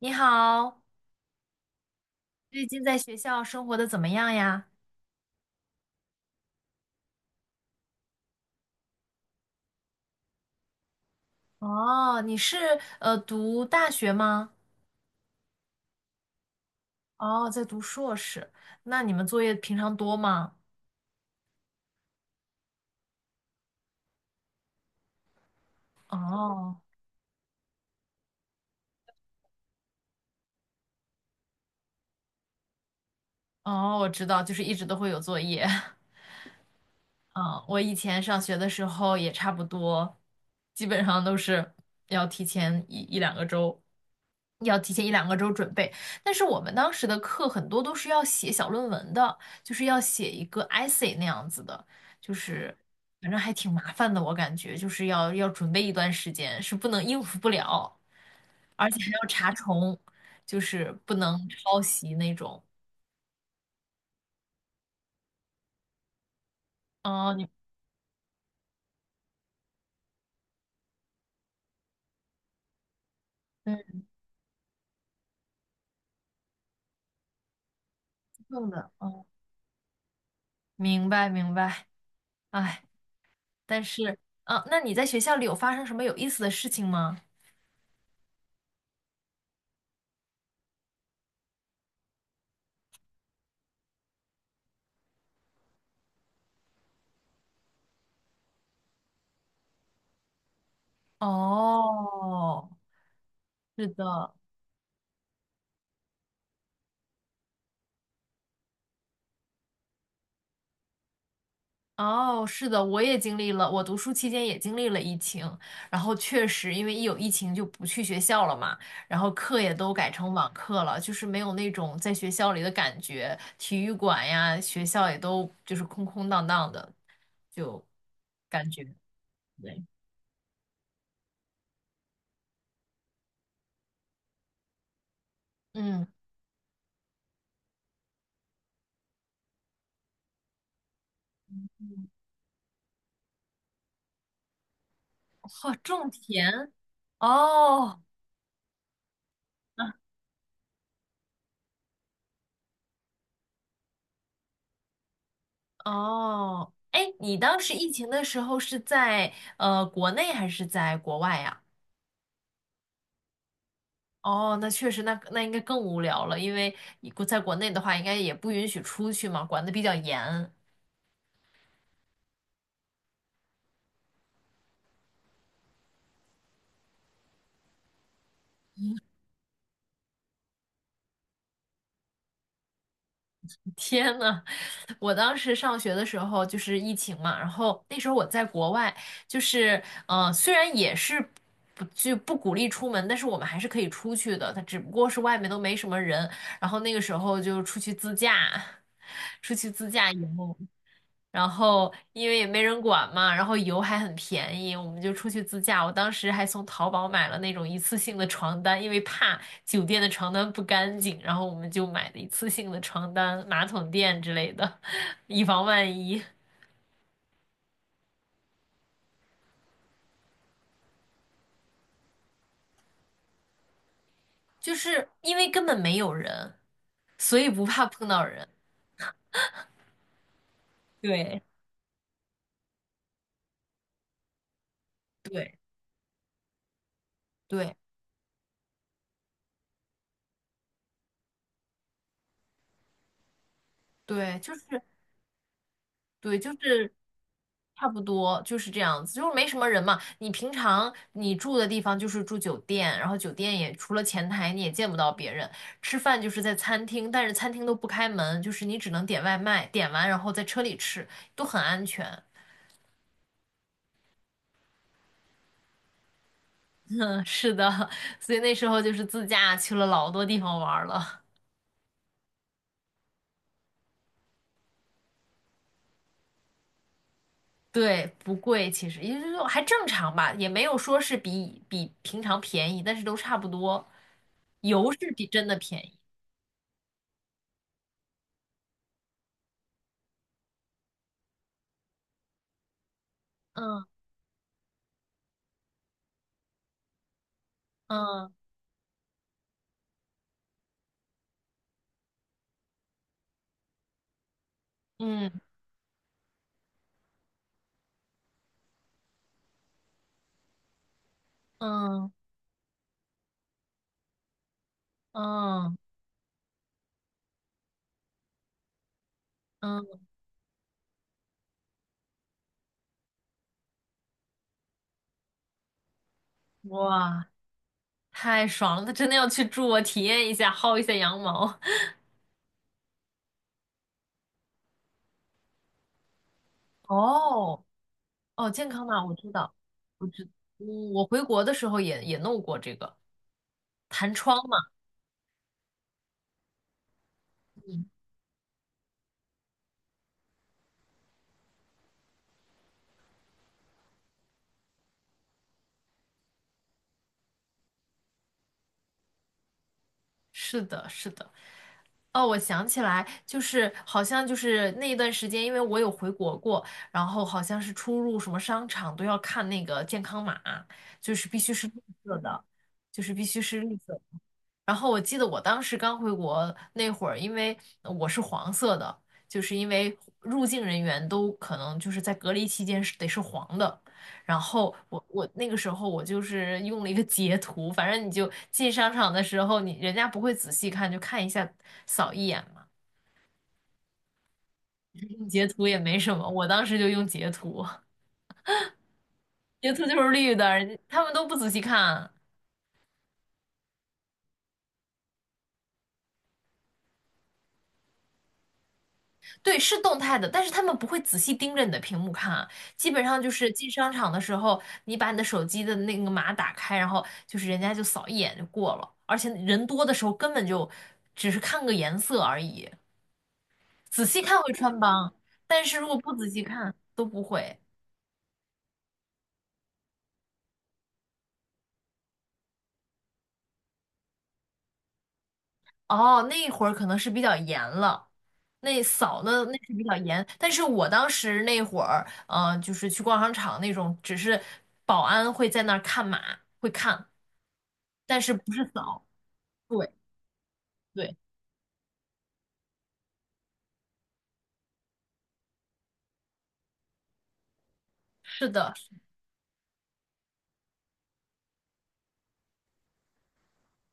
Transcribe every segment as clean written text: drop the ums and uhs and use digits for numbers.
你好，最近在学校生活的怎么样呀？哦，你是读大学吗？哦，在读硕士。那你们作业平常多吗？哦哦，我知道，就是一直都会有作业。嗯，我以前上学的时候也差不多，基本上都是要提前一一两个周，要提前一两个周准备。但是我们当时的课很多都是要写小论文的，就是要写一个 essay 那样子的，就是反正还挺麻烦的，我感觉就是要准备一段时间，是不能应付不了，而且还要查重，就是不能抄袭那种。哦，你嗯，弄的，哦，明白明白。唉但是，嗯，那你在学校里有发生什么有意思的事情吗？哦，是的，哦，是的，我也经历了，我读书期间也经历了疫情，然后确实因为一有疫情就不去学校了嘛，然后课也都改成网课了，就是没有那种在学校里的感觉，体育馆呀，学校也都就是空空荡荡的，就感觉，对，嗯，哦，种田，哦。哦，哎，你当时疫情的时候是在国内还是在国外呀？哦，那确实那应该更无聊了，因为你在国内的话，应该也不允许出去嘛，管得比较严。天呐，我当时上学的时候就是疫情嘛，然后那时候我在国外，就是虽然也是不就不鼓励出门，但是我们还是可以出去的，它只不过是外面都没什么人，然后那个时候就出去自驾，出去自驾以后。然后因为也没人管嘛，然后油还很便宜，我们就出去自驾。我当时还从淘宝买了那种一次性的床单，因为怕酒店的床单不干净，然后我们就买的一次性的床单、马桶垫之类的，以防万一。就是因为根本没有人，所以不怕碰到人。对对对对，就是。对，就是差不多就是这样子，就是没什么人嘛。你平常你住的地方就是住酒店，然后酒店也除了前台你也见不到别人，吃饭就是在餐厅，但是餐厅都不开门，就是你只能点外卖，点完然后在车里吃，都很安全。嗯，是的，所以那时候就是自驾去了老多地方玩儿了。对，不贵，其实也就是说还正常吧，也没有说是比平常便宜，但是都差不多。油是比真的便宜。嗯嗯。嗯嗯嗯嗯，哇，太爽了！他真的要去住我体验一下，薅一下羊毛。哦哦，健康码我知道，我知，嗯我回国的时候也弄过这个弹窗嘛。嗯，是的，是的。哦，我想起来，就是好像就是那一段时间，因为我有回国过，然后好像是出入什么商场都要看那个健康码，就是必须是绿色的，就是必须是绿色的。然后我记得我当时刚回国那会儿，因为我是黄色的，就是因为入境人员都可能就是在隔离期间是得是黄的。然后我那个时候我就是用了一个截图，反正你就进商场的时候，你人家不会仔细看，就看一下扫一眼嘛，用截图也没什么。我当时就用截图，截图就是绿的，人家他们都不仔细看。对，是动态的，但是他们不会仔细盯着你的屏幕看啊。基本上就是进商场的时候，你把你的手机的那个码打开，然后就是人家就扫一眼就过了，而且人多的时候根本就只是看个颜色而已，仔细看会穿帮，但是如果不仔细看都不会。哦，那会儿可能是比较严了，那扫的那是比较严，但是我当时那会儿，就是去逛商场那种，只是保安会在那儿看码，会看，但是不是扫。对对，是的，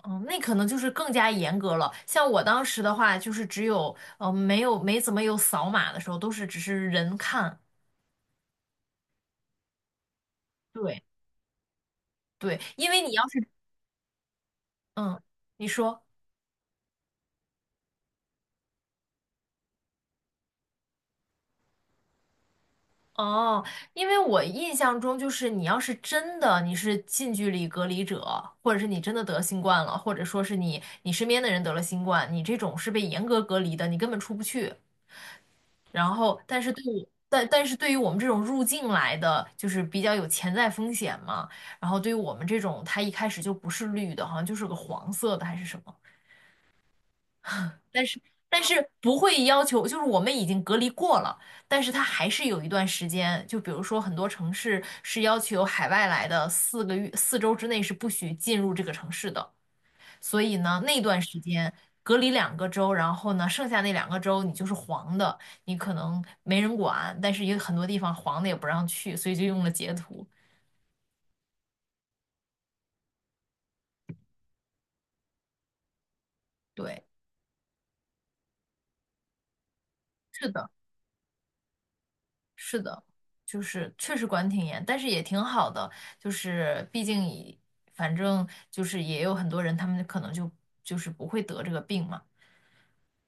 嗯，那可能就是更加严格了。像我当时的话，就是只有没怎么有扫码的时候，都是只是人看。对对，因为你要是嗯，你说。哦，因为我印象中就是你要是真的你是近距离隔离者，或者是你真的得新冠了，或者说是你身边的人得了新冠，你这种是被严格隔离的，你根本出不去。然后，但是但是对于我们这种入境来的，就是比较有潜在风险嘛。然后对于我们这种，它一开始就不是绿的，好像就是个黄色的还是什么。但是但是不会要求，就是我们已经隔离过了，但是它还是有一段时间，就比如说很多城市是要求海外来的4个月4周之内是不许进入这个城市的，所以呢那段时间隔离两个周，然后呢剩下那两个周你就是黄的，你可能没人管，但是也有很多地方黄的也不让去，所以就用了截图。对，是的。是的，就是确实管挺严，但是也挺好的，就是毕竟反正就是也有很多人，他们可能就是不会得这个病嘛，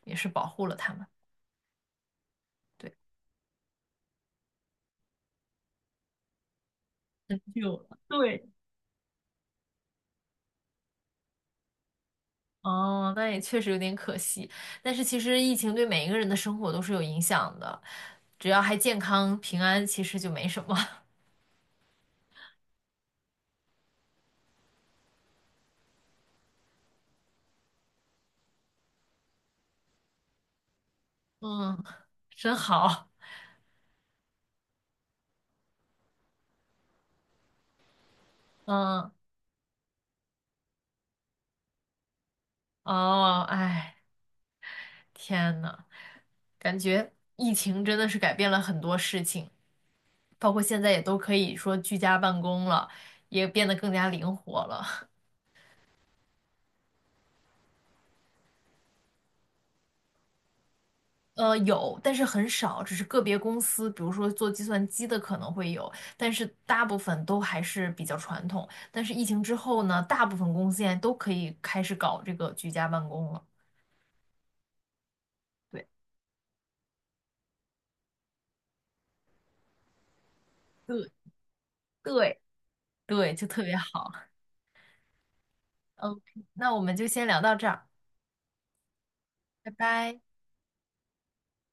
也是保护了他们。对，很久了。对，哦，那也确实有点可惜，但是其实疫情对每一个人的生活都是有影响的，只要还健康平安，其实就没什么。嗯，真好。嗯，哦，哎，天呐，感觉疫情真的是改变了很多事情。包括现在也都可以说居家办公了，也变得更加灵活了。有，但是很少，只是个别公司，比如说做计算机的可能会有，但是大部分都还是比较传统。但是疫情之后呢，大部分公司现在都可以开始搞这个居家办公了。对，对，对，对，就特别好。OK，那我们就先聊到这儿，拜拜。